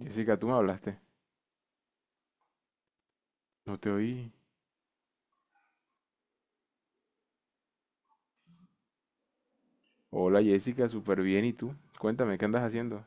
Jessica, tú me hablaste. No te oí. Hola Jessica, súper bien. ¿Y tú? Cuéntame, ¿qué andas haciendo?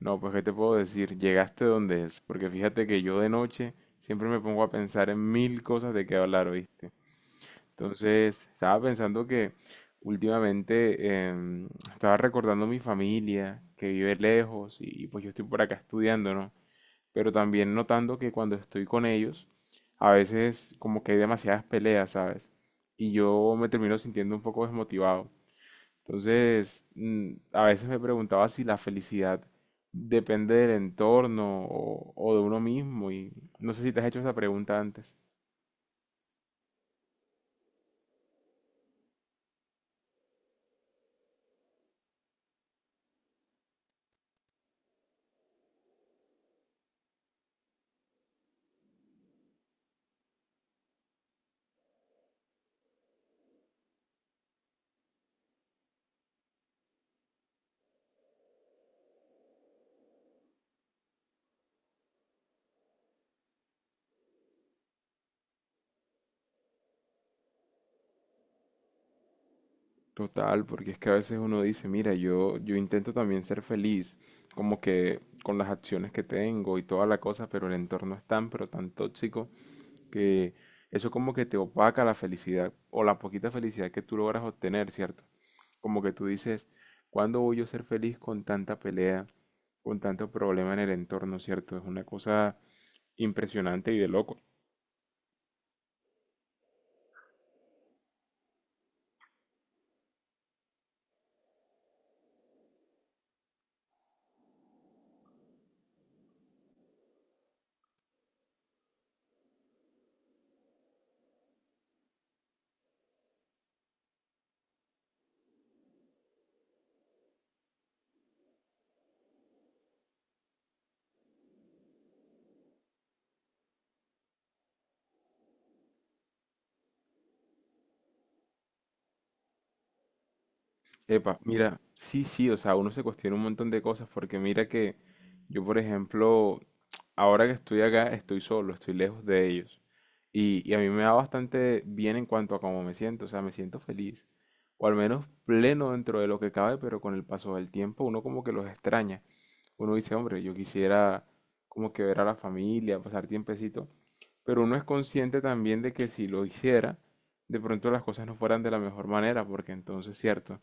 No, pues ¿qué te puedo decir? Llegaste donde es, porque fíjate que yo de noche siempre me pongo a pensar en mil cosas de qué hablar, ¿oíste? Entonces, estaba pensando que últimamente estaba recordando mi familia, que vive lejos, y pues yo estoy por acá estudiando, ¿no? Pero también notando que cuando estoy con ellos, a veces como que hay demasiadas peleas, ¿sabes? Y yo me termino sintiendo un poco desmotivado. Entonces, a veces me preguntaba si la felicidad depende del entorno o de uno mismo y no sé si te has hecho esa pregunta antes. Total, porque es que a veces uno dice, mira, yo intento también ser feliz, como que con las acciones que tengo y toda la cosa, pero el entorno es tan, pero tan tóxico que eso como que te opaca la felicidad o la poquita felicidad que tú logras obtener, ¿cierto? Como que tú dices, ¿cuándo voy yo a ser feliz con tanta pelea, con tanto problema en el entorno? ¿Cierto? Es una cosa impresionante y de loco. Epa, mira, sí, sí, o sea, uno se cuestiona un montón de cosas porque mira que yo, por ejemplo, ahora que estoy acá, estoy solo, estoy lejos de ellos. Y a mí me da bastante bien en cuanto a cómo me siento, o sea, me siento feliz, o al menos pleno dentro de lo que cabe, pero con el paso del tiempo uno como que los extraña. Uno dice, hombre, yo quisiera como que ver a la familia, pasar tiempecito, pero uno es consciente también de que si lo hiciera, de pronto las cosas no fueran de la mejor manera, porque entonces, cierto,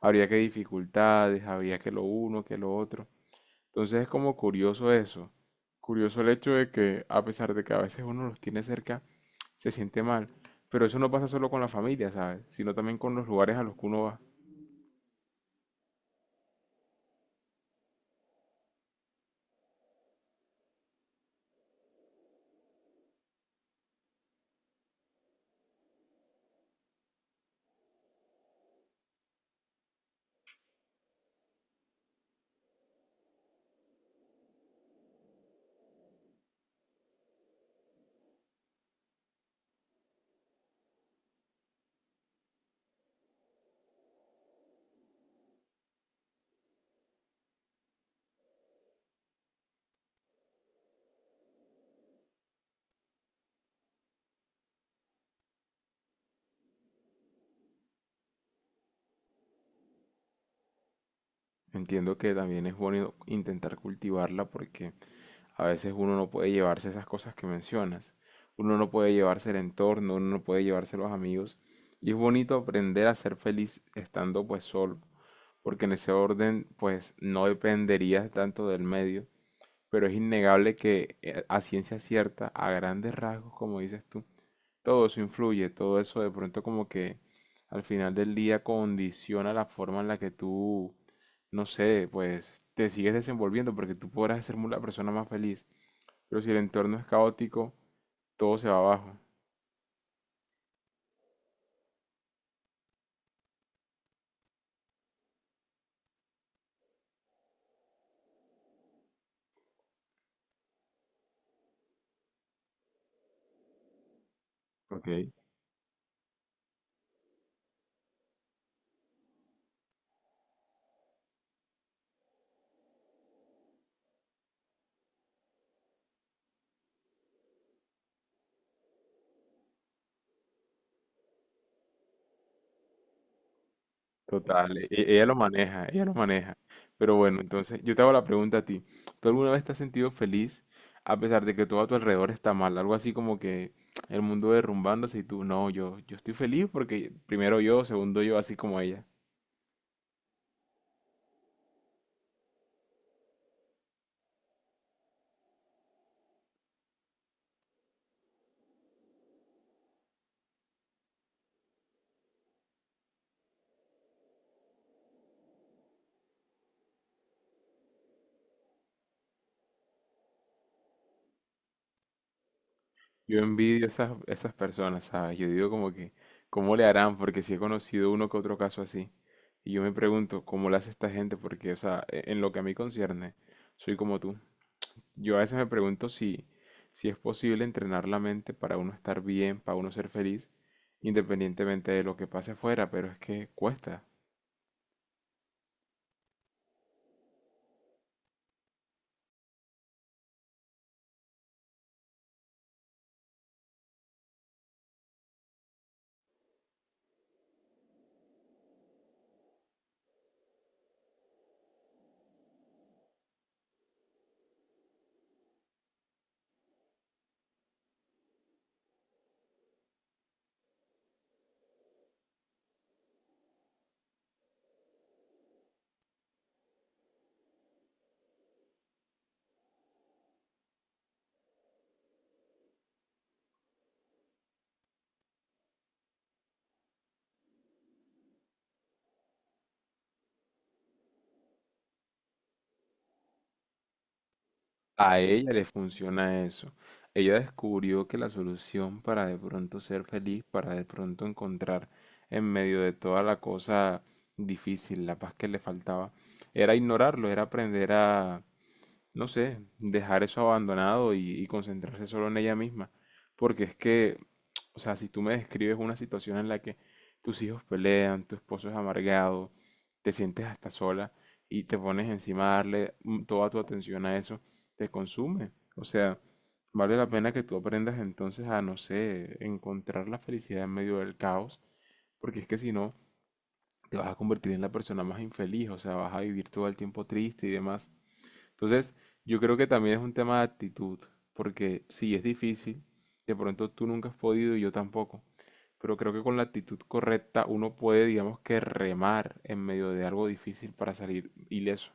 habría que dificultades, había que lo uno, que lo otro. Entonces es como curioso eso. Curioso el hecho de que a pesar de que a veces uno los tiene cerca, se siente mal. Pero eso no pasa solo con la familia, ¿sabes? Sino también con los lugares a los que uno va. Entiendo que también es bueno intentar cultivarla porque a veces uno no puede llevarse esas cosas que mencionas. Uno no puede llevarse el entorno, uno no puede llevarse los amigos. Y es bonito aprender a ser feliz estando pues solo. Porque en ese orden pues no dependerías tanto del medio, pero es innegable que a ciencia cierta, a grandes rasgos, como dices tú, todo eso influye, todo eso de pronto como que al final del día condiciona la forma en la que tú, no sé, pues te sigues desenvolviendo, porque tú podrás ser la persona más feliz, pero si el entorno es caótico, todo se va abajo. Ok. Total, ella lo maneja, ella lo maneja. Pero bueno, entonces yo te hago la pregunta a ti. ¿Tú alguna vez te has sentido feliz a pesar de que todo a tu alrededor está mal? Algo así como que el mundo derrumbándose y tú, no, yo estoy feliz porque primero yo, segundo yo, así como ella. Yo envidio esas personas, ¿sabes? Yo digo como que, ¿cómo le harán? Porque sí he conocido uno que otro caso así. Y yo me pregunto, ¿cómo le hace esta gente? Porque, o sea, en lo que a mí concierne, soy como tú. Yo a veces me pregunto si, si es posible entrenar la mente para uno estar bien, para uno ser feliz, independientemente de lo que pase afuera, pero es que cuesta. A ella le funciona eso. Ella descubrió que la solución para de pronto ser feliz, para de pronto encontrar en medio de toda la cosa difícil, la paz que le faltaba, era ignorarlo, era aprender a, no sé, dejar eso abandonado y concentrarse solo en ella misma. Porque es que o sea, si tú me describes una situación en la que tus hijos pelean, tu esposo es amargado, te sientes hasta sola y te pones encima a darle toda tu atención a eso, te consume. O sea, vale la pena que tú aprendas entonces a, no sé, encontrar la felicidad en medio del caos, porque es que si no, te vas a convertir en la persona más infeliz, o sea, vas a vivir todo el tiempo triste y demás. Entonces, yo creo que también es un tema de actitud, porque sí, es difícil, de pronto tú nunca has podido y yo tampoco, pero creo que con la actitud correcta uno puede, digamos que remar en medio de algo difícil para salir ileso.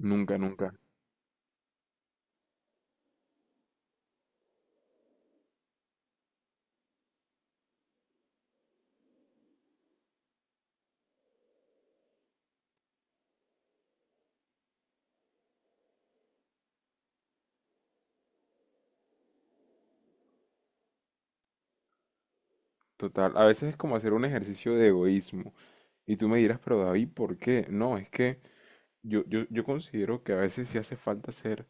Nunca, nunca. Total. A veces es como hacer un ejercicio de egoísmo. Y tú me dirás, pero David, ¿por qué? No, es que yo considero que a veces sí hace falta ser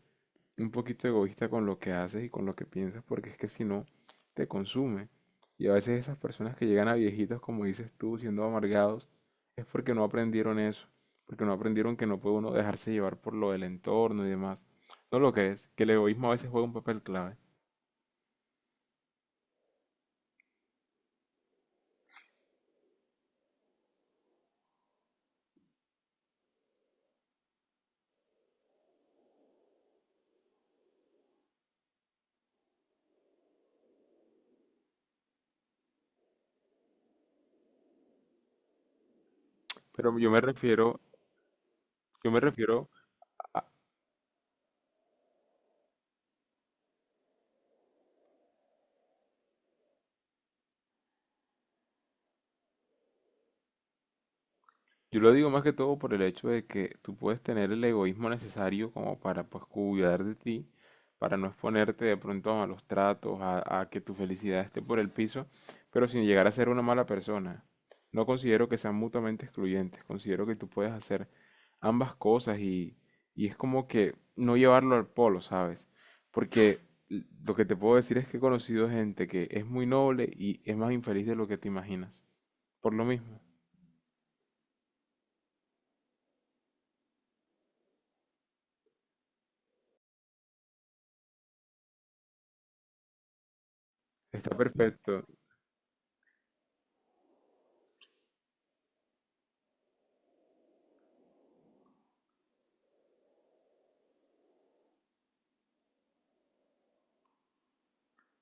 un poquito egoísta con lo que haces y con lo que piensas, porque es que si no, te consume. Y a veces esas personas que llegan a viejitos, como dices tú, siendo amargados, es porque no aprendieron eso, porque no aprendieron que no puede uno dejarse llevar por lo del entorno y demás. ¿No lo crees? Que el egoísmo a veces juega un papel clave. Pero yo me refiero, yo lo digo más que todo por el hecho de que tú puedes tener el egoísmo necesario como para pues cuidar de ti, para no exponerte de pronto a malos tratos, a que tu felicidad esté por el piso, pero sin llegar a ser una mala persona. No considero que sean mutuamente excluyentes, considero que tú puedes hacer ambas cosas y es como que no llevarlo al polo, ¿sabes? Porque lo que te puedo decir es que he conocido gente que es muy noble y es más infeliz de lo que te imaginas. Por lo mismo. Está perfecto.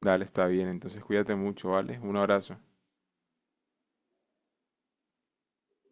Dale, está bien. Entonces cuídate mucho, ¿vale? Un abrazo.